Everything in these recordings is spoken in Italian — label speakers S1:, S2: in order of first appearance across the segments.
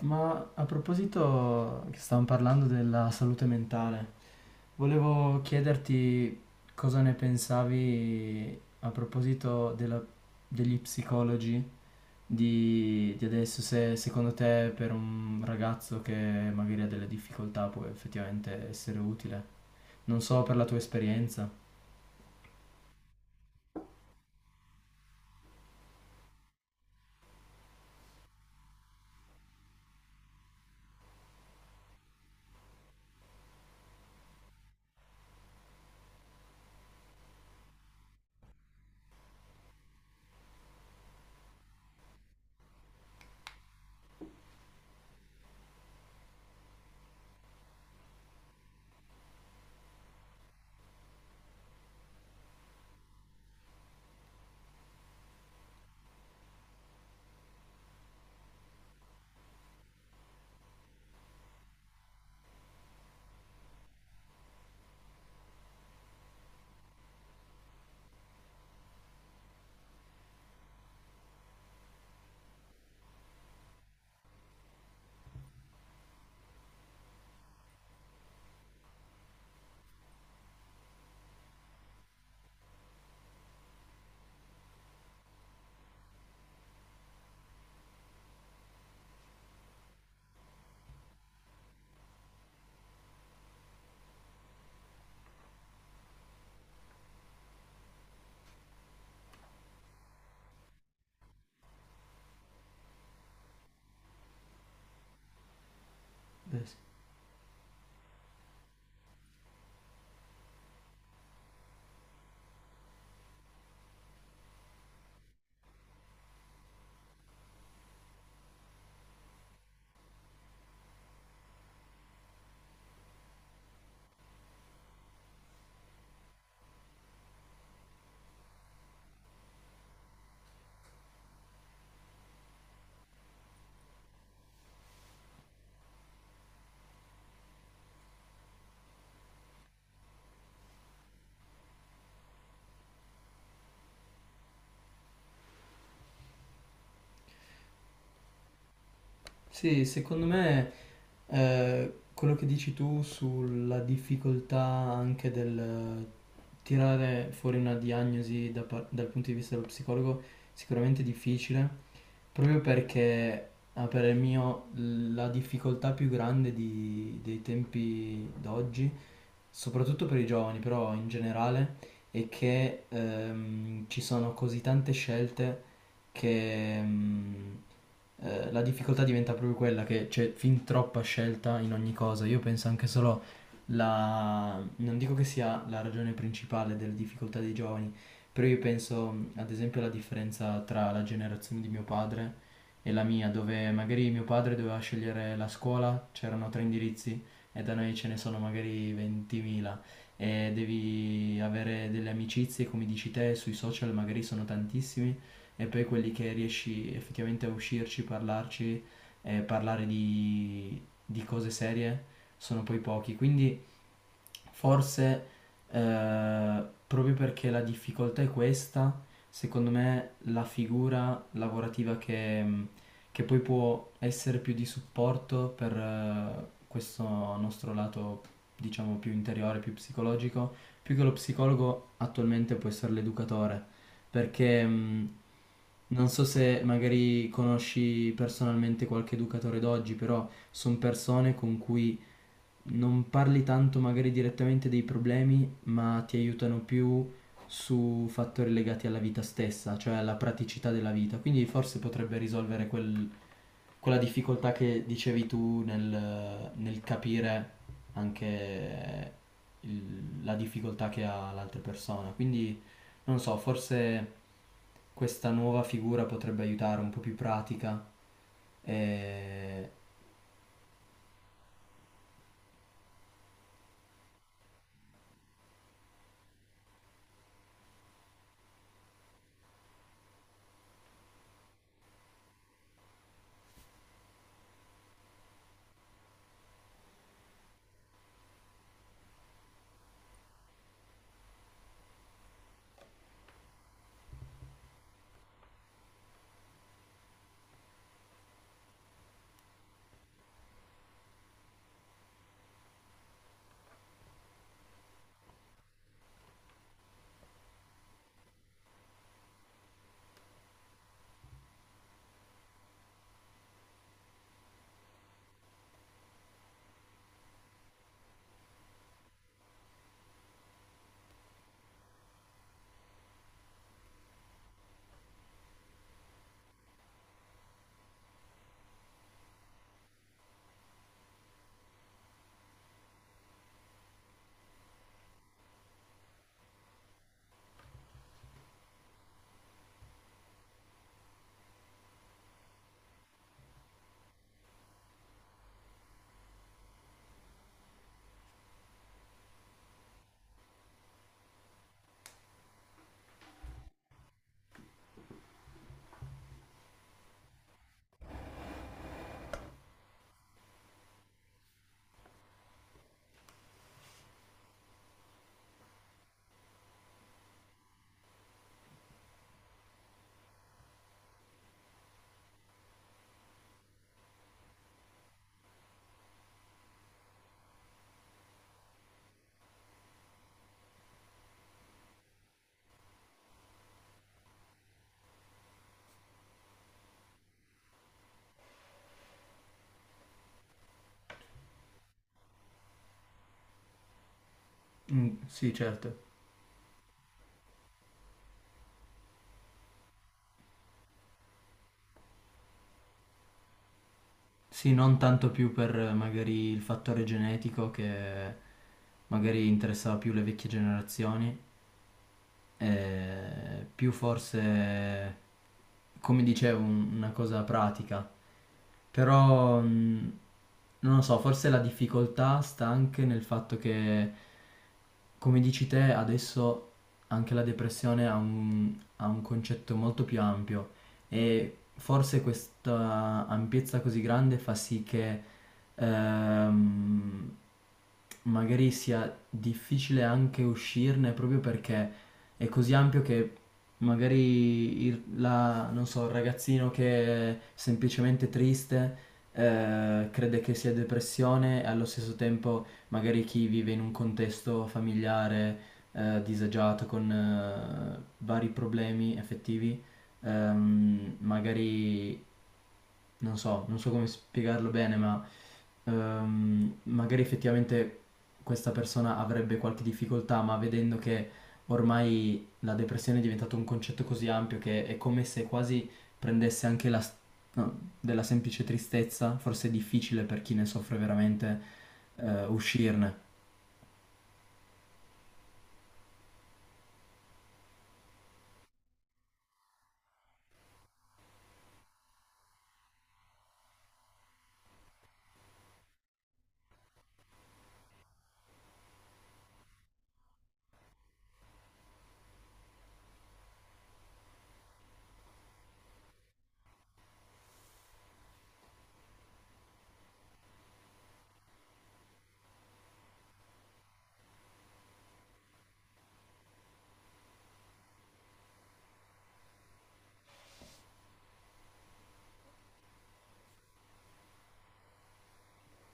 S1: Ma a proposito che stavamo parlando della salute mentale, volevo chiederti cosa ne pensavi a proposito degli psicologi di adesso, se secondo te per un ragazzo che magari ha delle difficoltà può effettivamente essere utile. Non so per la tua esperienza. Beh, sì, secondo me quello che dici tu sulla difficoltà anche del tirare fuori una diagnosi dal punto di vista dello psicologo sicuramente difficile, proprio perché a parer mio la difficoltà più grande dei tempi d'oggi, soprattutto per i giovani, però in generale, è che ci sono così tante scelte che la difficoltà diventa proprio quella che c'è fin troppa scelta in ogni cosa. Io penso anche solo non dico che sia la ragione principale delle difficoltà dei giovani, però io penso, ad esempio alla differenza tra la generazione di mio padre e la mia, dove magari mio padre doveva scegliere la scuola, c'erano tre indirizzi e da noi ce ne sono magari 20.000 e devi avere delle amicizie, come dici te, sui social magari sono tantissimi e poi quelli che riesci effettivamente a uscirci, parlarci e parlare di cose serie sono poi pochi. Quindi forse proprio perché la difficoltà è questa, secondo me la figura lavorativa che poi può essere più di supporto per questo nostro lato diciamo più interiore, più psicologico, più che lo psicologo attualmente può essere l'educatore perché non so se magari conosci personalmente qualche educatore d'oggi, però sono persone con cui non parli tanto magari direttamente dei problemi, ma ti aiutano più su fattori legati alla vita stessa, cioè alla praticità della vita. Quindi forse potrebbe risolvere quella difficoltà che dicevi tu nel capire anche la difficoltà che ha l'altra persona. Quindi non so, forse questa nuova figura potrebbe aiutare un po' più pratica. E... Mm, sì, certo. Sì, non tanto più per magari il fattore genetico che magari interessava più le vecchie generazioni, più forse, come dicevo, una cosa pratica. Però, non lo so, forse la difficoltà sta anche nel fatto che, come dici te, adesso anche la depressione ha un concetto molto più ampio e forse questa ampiezza così grande fa sì che ehm, magari sia difficile anche uscirne proprio perché è così ampio che magari non so, il ragazzino che è semplicemente triste crede che sia depressione e allo stesso tempo magari chi vive in un contesto familiare disagiato con vari problemi effettivi, magari non so, non so come spiegarlo bene, ma magari effettivamente questa persona avrebbe qualche difficoltà, ma vedendo che ormai la depressione è diventato un concetto così ampio che è come se quasi prendesse anche no, della semplice tristezza, forse è difficile per chi ne soffre veramente uscirne.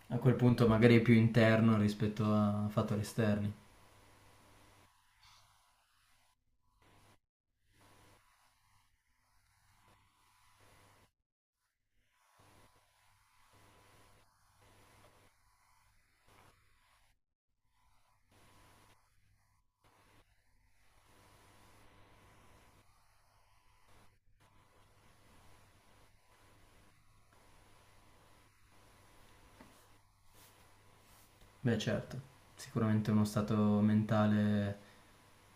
S1: A quel punto magari è più interno rispetto a fattori esterni. Beh, certo, sicuramente uno stato mentale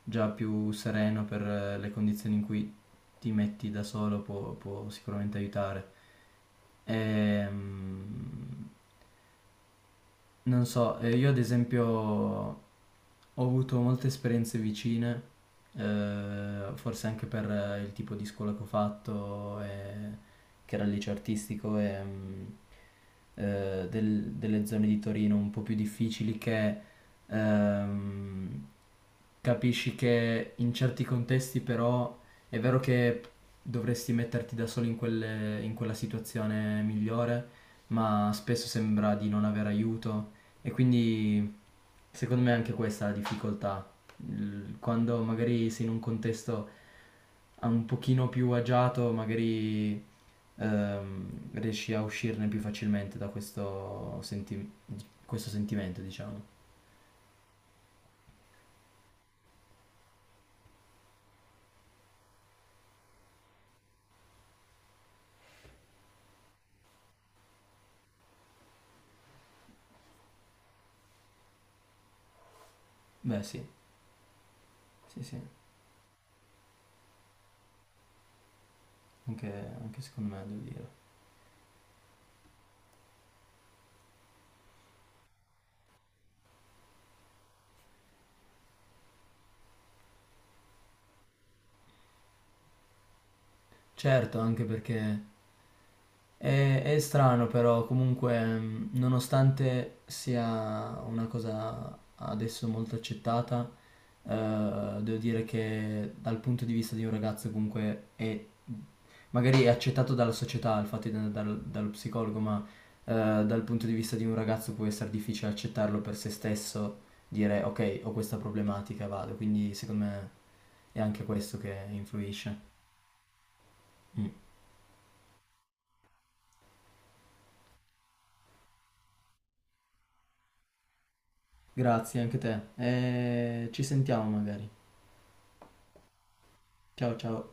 S1: già più sereno per le condizioni in cui ti metti da solo può, può sicuramente aiutare. Ehm, non so, io ad esempio ho avuto molte esperienze vicine, forse anche per il tipo di scuola che ho fatto, che era il liceo artistico, e, delle zone di Torino un po' più difficili che ehm, capisci che in certi contesti però è vero che dovresti metterti da solo in quella situazione migliore, ma spesso sembra di non avere aiuto e quindi secondo me è anche questa è la difficoltà. Quando magari sei in un contesto un pochino più agiato, magari riesci a uscirne più facilmente da questo, questo sentimento, diciamo. Beh sì, sì, sì, anche, anche secondo me devo dire. Certo, anche perché è strano però, comunque, nonostante sia una cosa adesso molto accettata, devo dire che dal punto di vista di un ragazzo comunque è, magari è accettato dalla società il fatto di andare dallo psicologo, ma eh, dal punto di vista di un ragazzo può essere difficile accettarlo per se stesso, dire ok, ho questa problematica, vado, quindi secondo me è anche questo che influisce. Mm. Grazie anche te e ci sentiamo magari. Ciao ciao.